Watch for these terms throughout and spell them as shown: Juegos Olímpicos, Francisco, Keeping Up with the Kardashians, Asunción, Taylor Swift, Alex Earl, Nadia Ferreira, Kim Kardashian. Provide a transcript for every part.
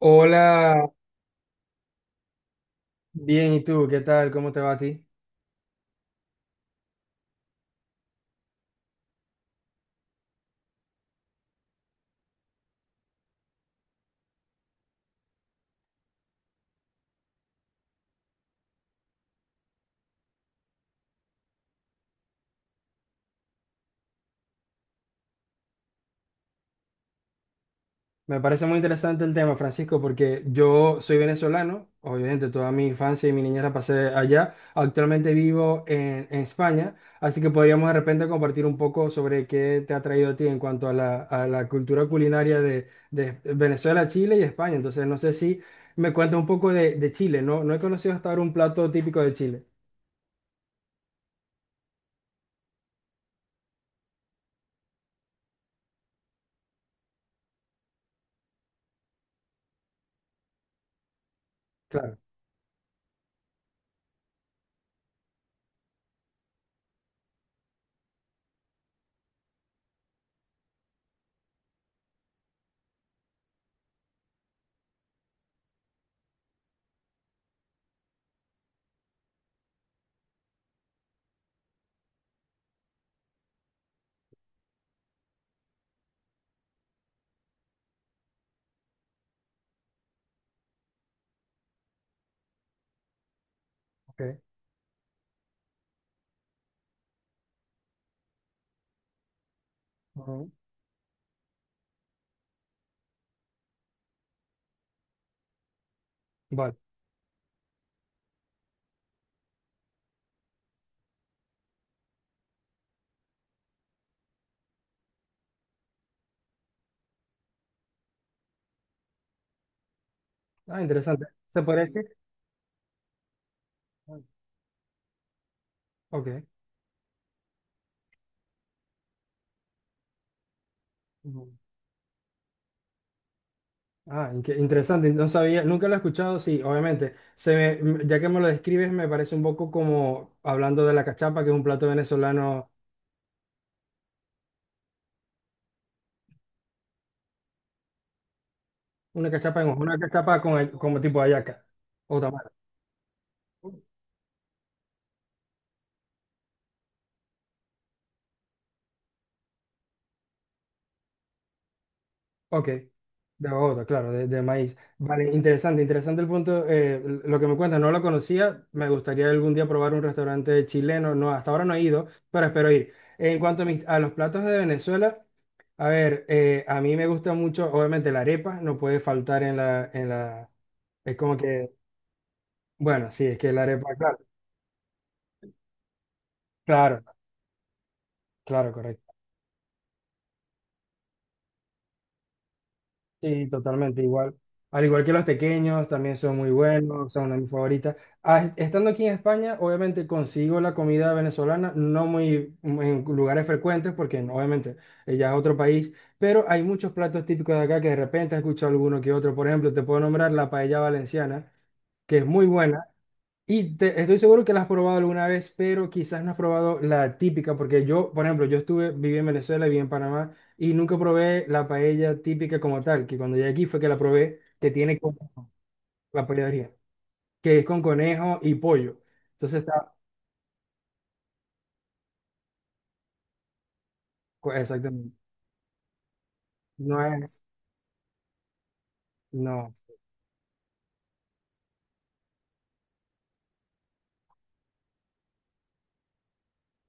Hola, bien, ¿y tú? ¿Qué tal? ¿Cómo te va a ti? Me parece muy interesante el tema, Francisco, porque yo soy venezolano, obviamente toda mi infancia y mi niñez la pasé allá, actualmente vivo en España, así que podríamos de repente compartir un poco sobre qué te ha traído a ti en cuanto a la cultura culinaria de Venezuela, Chile y España. Entonces, no sé si me cuentas un poco de Chile, ¿no? No he conocido hasta ahora un plato típico de Chile. Claro, ok. Ujú. Vale. Ah, interesante. ¿Se puede decir? Ok. Ujú. Ah, qué interesante, no sabía, nunca lo he escuchado, sí, obviamente. Ya que me lo describes, me parece un poco como hablando de la cachapa, que es un plato venezolano, una cachapa en hoja, una cachapa con, como tipo hallaca o tamal. Ok, de Bogotá, claro, de maíz. Vale, interesante, interesante el punto, lo que me cuentas, no lo conocía, me gustaría algún día probar un restaurante chileno, no, hasta ahora no he ido, pero espero ir. En cuanto a, a los platos de Venezuela, a ver, a mí me gusta mucho, obviamente la arepa no puede faltar en la, es como que, bueno, sí, es que la arepa, claro, claro, claro, correcto. Sí, totalmente igual. Al igual que los tequeños, también son muy buenos, son una de mis favoritas. Ah, estando aquí en España, obviamente consigo la comida venezolana, no muy muy en lugares frecuentes, porque no, obviamente ya es otro país, pero hay muchos platos típicos de acá que de repente he escuchado alguno que otro. Por ejemplo, te puedo nombrar la paella valenciana, que es muy buena. Estoy seguro que la has probado alguna vez, pero quizás no has probado la típica, porque yo, por ejemplo, yo estuve, viví en Venezuela, viví en Panamá, y nunca probé la paella típica como tal, que cuando llegué aquí fue que la probé, que tiene conejo, la paella que es con conejo y pollo. Entonces está, exactamente, no es, no.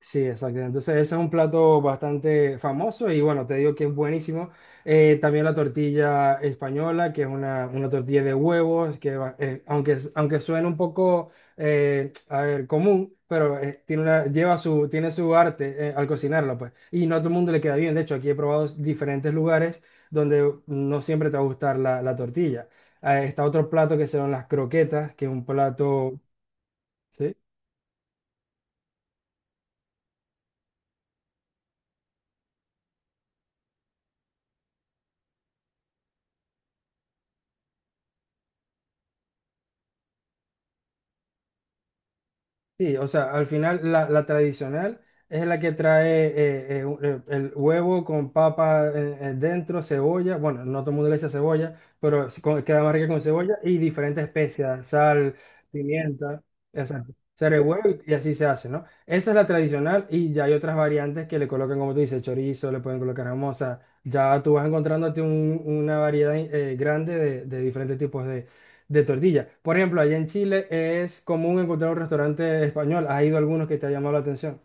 Sí, exacto. Entonces ese es un plato bastante famoso y bueno, te digo que es buenísimo. También la tortilla española, que es una tortilla de huevos, aunque, aunque suene un poco a ver, común, pero tiene una, lleva su, tiene su arte al cocinarla, pues. Y no a todo el mundo le queda bien. De hecho, aquí he probado diferentes lugares donde no siempre te va a gustar la, la tortilla. Está otro plato que son las croquetas, que es un plato... ¿Sí? Sí, o sea, al final la, la tradicional es la que trae el huevo con papa dentro, cebolla, bueno, no todo el mundo le echa cebolla, pero es queda más rica con cebolla y diferentes especias, sal, pimienta, exacto, huevo y así se hace, ¿no? Esa es la tradicional y ya hay otras variantes que le colocan, como tú dices, chorizo, le pueden colocar jamón, o sea, ya tú vas encontrándote una variedad grande de diferentes tipos de tortilla. Por ejemplo, allá en Chile es común encontrar un restaurante español. ¿Has ido a algunos que te ha llamado la atención?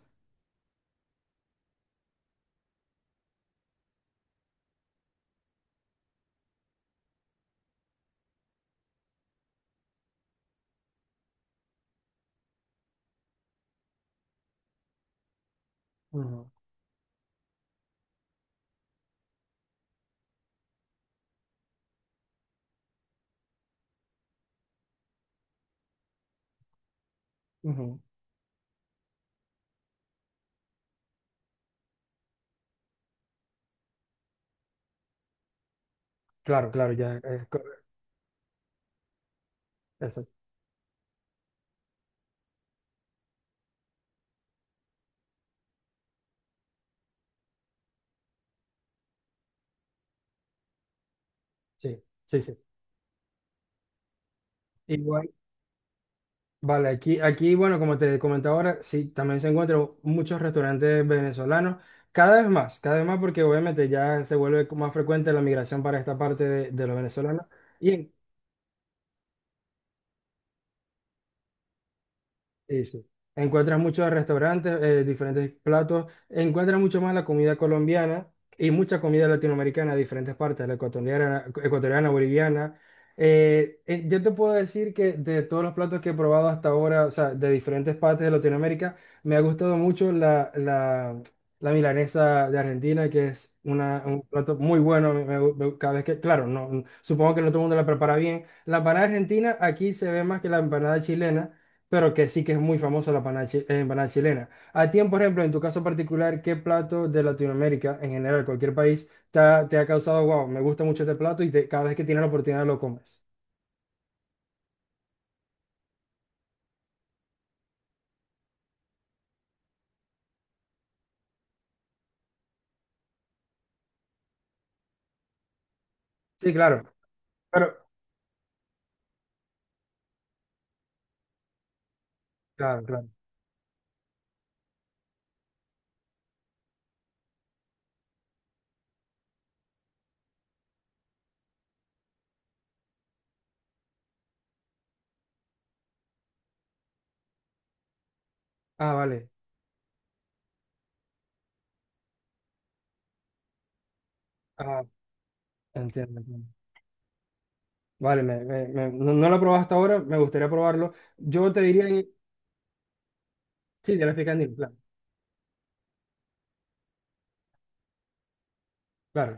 Ujú, ujú. Claro, claro, ya. Eso, Sí, sí, sí. Igual, vale, aquí, aquí, bueno, como te comentaba ahora, sí, también se encuentran muchos restaurantes venezolanos. Cada vez más, porque obviamente ya se vuelve más frecuente la migración para esta parte de los venezolanos. Y, sí, sí. Encuentras muchos restaurantes, diferentes platos, encuentras mucho más la comida colombiana y mucha comida latinoamericana de diferentes partes, la ecuatoriana, ecuatoriana, boliviana. Yo te puedo decir que de todos los platos que he probado hasta ahora, o sea, de diferentes partes de Latinoamérica, me ha gustado mucho la, la, la milanesa de Argentina, que es una, un plato muy bueno. Cada vez que, claro, no, supongo que no todo el mundo la prepara bien. La empanada argentina aquí se ve más que la empanada chilena pero que sí que es muy famoso la empanada, empanada chilena. A ti, por ejemplo, en tu caso particular, ¿qué plato de Latinoamérica, en general, cualquier país, te ha causado, wow, me gusta mucho este plato y cada vez que tienes la oportunidad lo comes? Sí, claro, pero, claro, claro. Ah, vale, ah, entiendo. Entiendo. Vale, no, no lo he probado hasta ahora, me gustaría probarlo. Yo te diría, que- sí, de la picandina, claro, claro.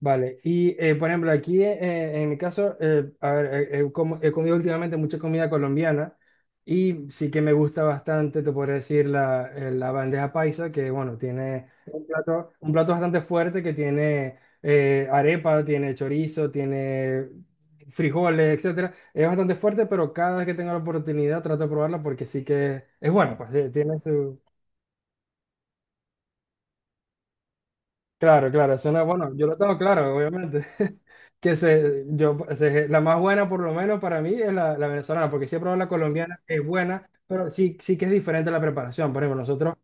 Vale, y por ejemplo, aquí en mi caso, a ver, como- he comido últimamente mucha comida colombiana y sí que me gusta bastante, te podría decir, la, la bandeja paisa, que bueno, tiene un plato bastante fuerte que tiene arepa, tiene chorizo, tiene frijoles, etcétera. Es bastante fuerte, pero cada vez que tengo la oportunidad trato de probarla porque sí que es bueno, pues tiene su... Claro, claro, eso es bueno, yo lo tengo claro, obviamente. Que se, yo, se- La más buena, por lo menos para mí, es la, la venezolana, porque siempre la colombiana es buena, pero sí, sí que es diferente la preparación. Por ejemplo, nosotros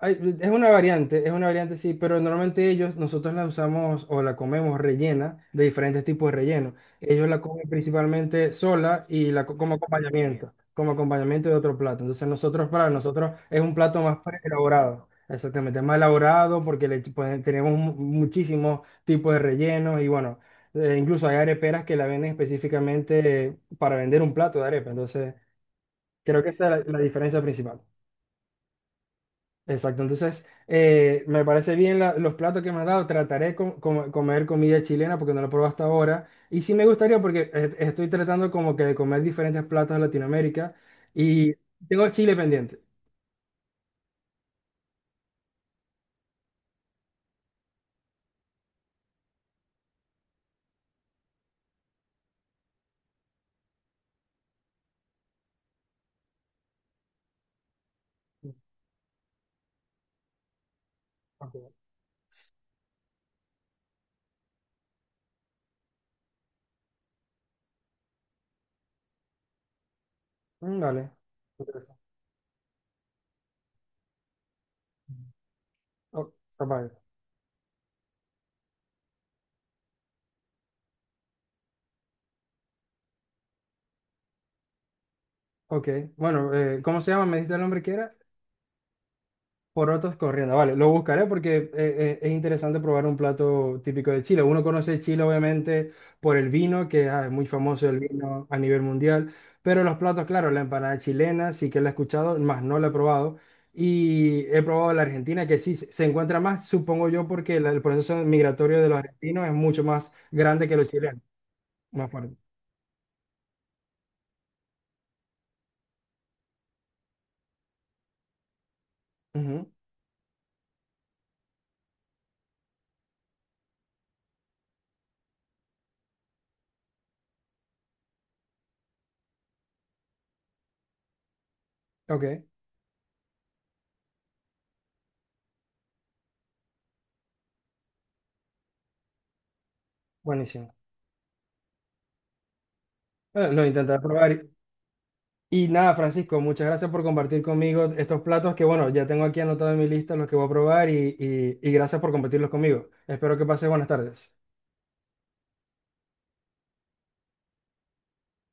ay, es una variante, sí, pero normalmente ellos, nosotros la usamos o la comemos rellena de diferentes tipos de relleno. Ellos la comen principalmente sola y como acompañamiento de otro plato. Entonces nosotros, para nosotros, es un plato más elaborado. Exactamente, es más elaborado porque tenemos muchísimos tipos de rellenos y bueno, incluso hay areperas que la venden específicamente para vender un plato de arepa. Entonces, creo que esa es la la diferencia principal. Exacto, entonces me parece bien los platos que me has dado. Trataré de comer comida chilena porque no lo he probado hasta ahora. Y sí me gustaría porque estoy tratando como que de comer diferentes platos de Latinoamérica y tengo Chile pendiente. Ok. Mm, vale. Interesante. Oh, zapallo. Ok, bueno, ¿cómo se llama? ¿Me diste el nombre que era? Porotos corriendo, vale, lo buscaré porque es interesante probar un plato típico de Chile. Uno conoce Chile obviamente por el vino, que ah, es muy famoso el vino a nivel mundial, pero los platos, claro, la empanada chilena sí que la he escuchado, más no la he probado. Y he probado la argentina, que sí se se encuentra más, supongo yo, porque el proceso migratorio de los argentinos es mucho más grande que los chilenos, más fuerte. Ujú, ok, buenísimo. Lo intentaré probar. Y nada, Francisco, muchas gracias por compartir conmigo estos platos que, bueno, ya tengo aquí anotado en mi lista los que voy a probar y, y gracias por compartirlos conmigo. Espero que pases buenas tardes.